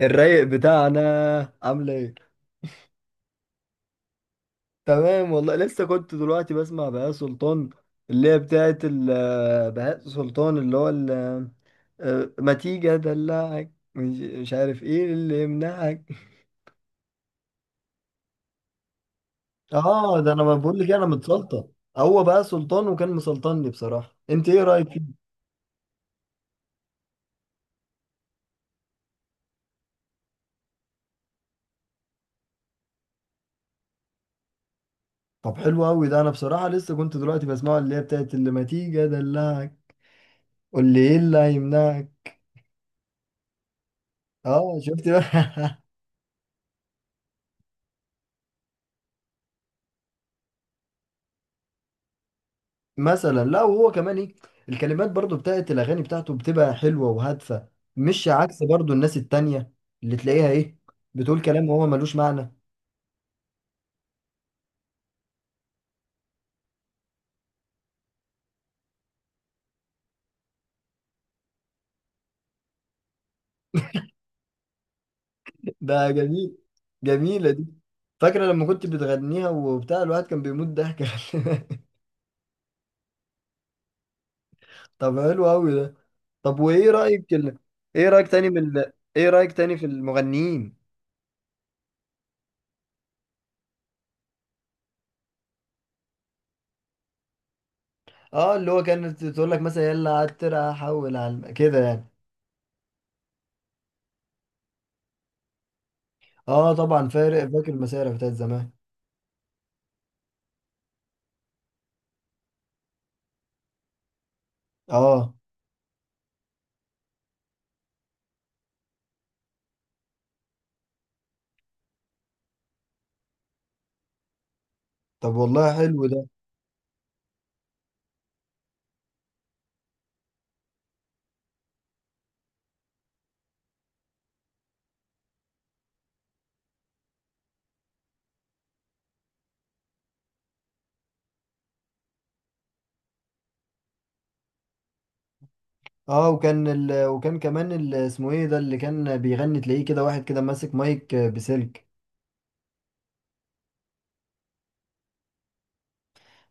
الرايق بتاعنا، عامله ايه؟ تمام والله، لسه كنت دلوقتي بسمع بهاء سلطان اللي هي بتاعت بهاء سلطان اللي هو ما تيجي ادلعك، مش عارف ايه اللي يمنعك. اه ده انا ما بقول لك إيه، انا متسلطن. هو بقى سلطان وكان مسلطني بصراحه. انت ايه رايك فيه؟ طب حلو قوي ده. انا بصراحه لسه كنت دلوقتي بسمعه اللي هي بتاعت اللي ما تيجي ادلعك. قول لي ايه اللي هيمنعك. اه شفت بقى. مثلا لا. وهو كمان ايه، الكلمات برضو بتاعت الاغاني بتاعته بتبقى حلوه وهادفه، مش عكس برضو الناس التانية اللي تلاقيها ايه، بتقول كلام وهو ملوش معنى. ده جميل. جميله دي. فاكره لما كنت بتغنيها وبتاع، الواحد كان بيموت ضحك. طب حلو قوي ده. طب وايه رايك ايه رايك تاني من ايه رايك تاني في المغنيين؟ اه، اللي هو كانت تقول لك مثلا يلا عترة حول على كده يعني. اه طبعا فارق، فاكر المسارح بتاعت زمان. اه. طب والله حلو ده. اه وكان وكان كمان اسمه ايه ده اللي كان بيغني، تلاقيه كده واحد كده ماسك مايك بسلك.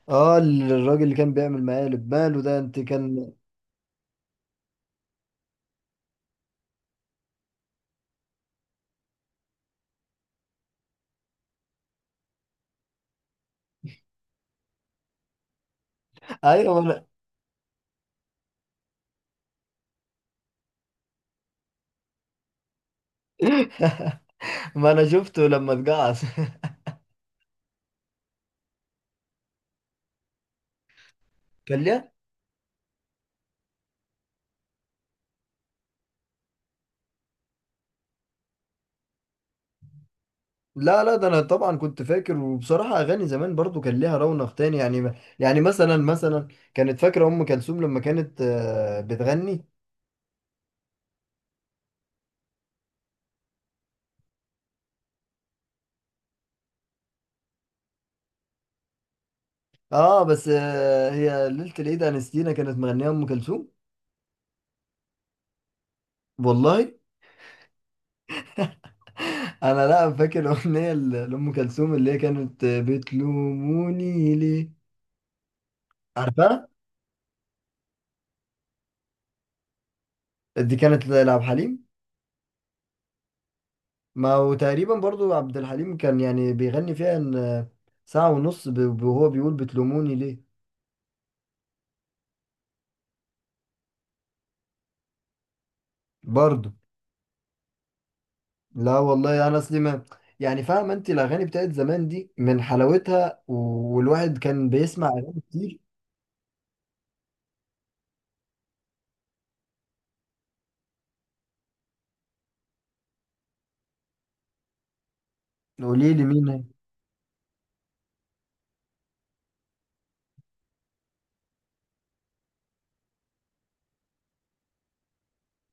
اه الراجل اللي كان بيعمل مقالب، ماله ده؟ انت كان. ايوه ما انا. ما انا شفته لما اتجعص. كان ليها. لا لا، ده انا طبعا كنت فاكر. وبصراحه اغاني زمان برضو كان ليها رونق تاني يعني. يعني مثلا مثلا كانت فاكره ام كلثوم لما كانت بتغني. اه بس هي ليله العيد انستينا كانت مغنيه ام كلثوم. والله انا لا فاكر الاغنيه لام كلثوم اللي هي كانت بتلوموني ليه. عارفها، دي كانت لعبد الحليم. ما هو تقريبا برضو عبد الحليم كان يعني بيغني فيها ان ساعه ونص وهو بيقول بتلوموني ليه برضو. لا والله انا اصلي ما، يعني فاهمه انت الاغاني بتاعت زمان دي من حلاوتها والواحد كان بيسمع اغاني كتير. قولي لي مين هي.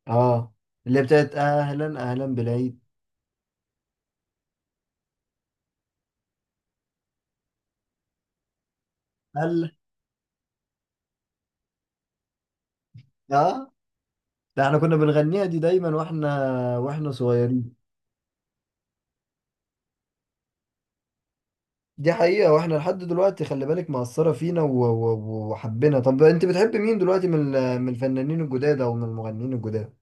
اه، اللي بتاعت اهلا اهلا بالعيد. قال. اه ده احنا كنا بنغنيها دي دايما واحنا صغيرين. دي حقيقة، واحنا لحد دلوقتي خلي بالك مأثرة فينا وحبينا. طب انت بتحب مين دلوقتي من من الفنانين الجداد او من المغنيين الجداد؟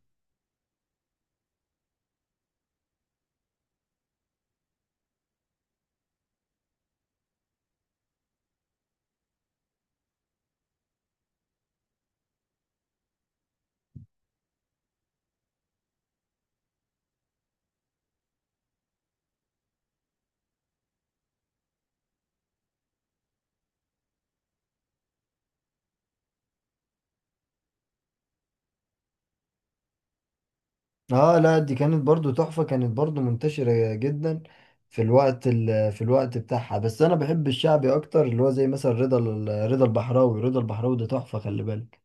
اه لا، دي كانت برضو تحفة، كانت برضو منتشرة جدا في الوقت في الوقت بتاعها. بس انا بحب الشعبي اكتر، اللي هو زي مثلا رضا رضا البحراوي. رضا البحراوي ده تحفة خلي بالك.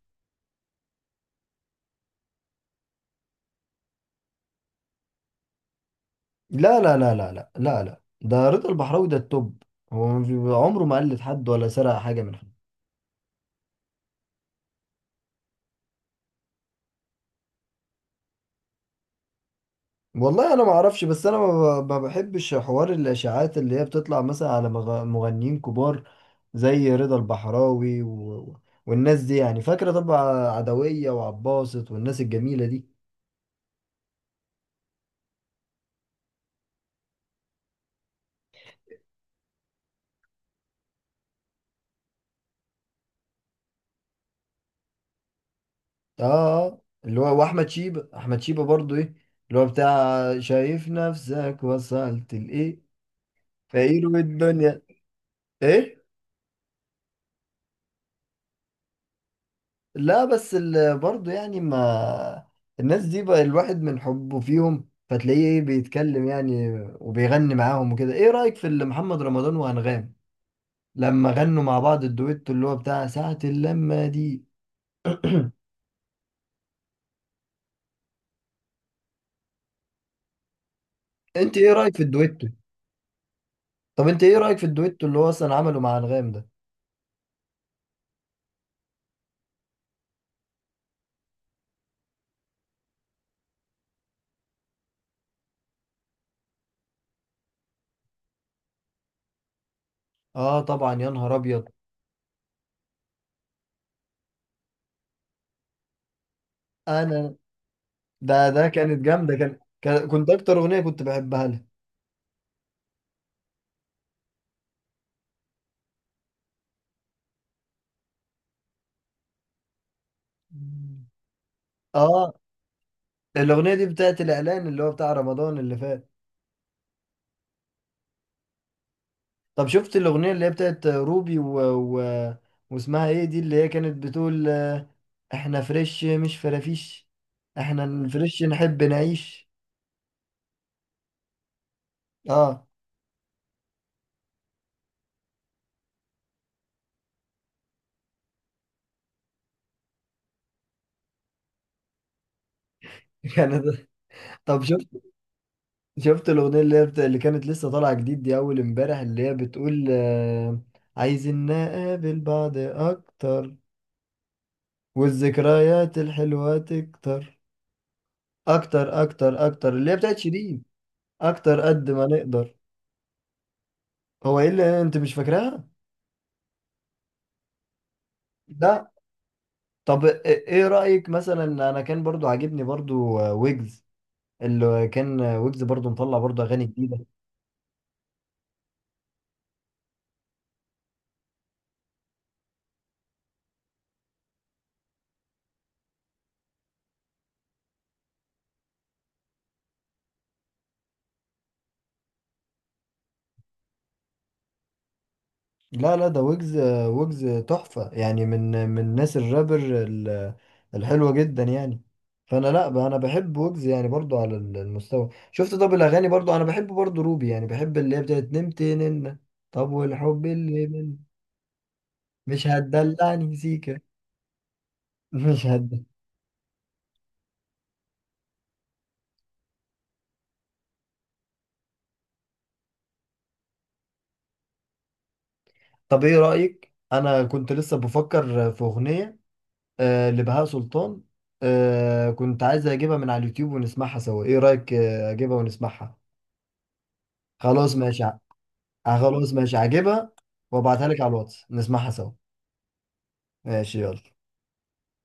لا لا لا لا لا لا لا، ده رضا البحراوي ده التوب. هو ما عمره ما قلد حد ولا سرق حاجة من حد. والله انا ما اعرفش، بس انا ما ما بحبش حوار الاشاعات اللي هي بتطلع مثلا على مغنيين كبار زي رضا البحراوي و... والناس دي، يعني فاكره طبعا عدويه وعباسط والناس الجميله دي. اه اللي هو واحمد شيبه، احمد شيبه برضو ايه، اللي هو بتاع شايف نفسك وصلت لايه، فقير والدنيا. ايه؟ لا بس برضه يعني ما، الناس دي بقى الواحد من حبه فيهم فتلاقيه ايه بيتكلم يعني وبيغني معاهم وكده. ايه رأيك في اللي محمد رمضان وأنغام لما غنوا مع بعض الدويتو اللي هو بتاع ساعة اللمة دي؟ انت ايه رأيك في الدويتو؟ طب انت ايه رأيك في الدويتو اللي هو اصلا عمله مع أنغام ده؟ اه طبعا، يا نهار ابيض. انا ده كانت جامدة، كنت اكتر اغنية كنت بحبها لها. اه الاغنية دي بتاعت الاعلان اللي هو بتاع رمضان اللي فات. طب شفت الأغنية اللي هي بتاعت روبي و... واسمها ايه دي اللي هي كانت بتقول احنا فريش مش فرافيش، احنا الفريش نحب نعيش. اه. كانت. طب شفت، شفت الأغنية اللي هي اللي كانت لسه طالعة جديد دي أول امبارح اللي هي بتقول عايزين نقابل بعض أكتر، والذكريات الحلوة تكتر، أكتر أكتر أكتر، اللي هي بتاعت شيرين، أكتر قد ما نقدر. هو ايه اللي انت مش فاكراها؟ لا. طب ايه رأيك مثلا، انا كان برضو عاجبني برضو ويجز. اللي كان ويجز برضو مطلع برضو اغاني جديدة. لا لا ده ويجز، ويجز تحفة يعني، من من ناس الرابر الحلوة جدا يعني. فانا لا انا بحب ويجز يعني برضو على المستوى شفت. طب الاغاني برضو انا بحب برضو روبي، يعني بحب اللي هي بتاعت نمت نن. طب والحب اللي من، مش هتدلعني سيكا. مش هتدلعني. طب ايه رأيك، انا كنت لسه بفكر في اغنية لبهاء سلطان. كنت عايز اجيبها من على اليوتيوب ونسمعها سوا. ايه رأيك اجيبها ونسمعها؟ خلاص ماشي خلاص ماشي هجيبها وابعتها لك على الواتس نسمعها سوا. ماشي يلا.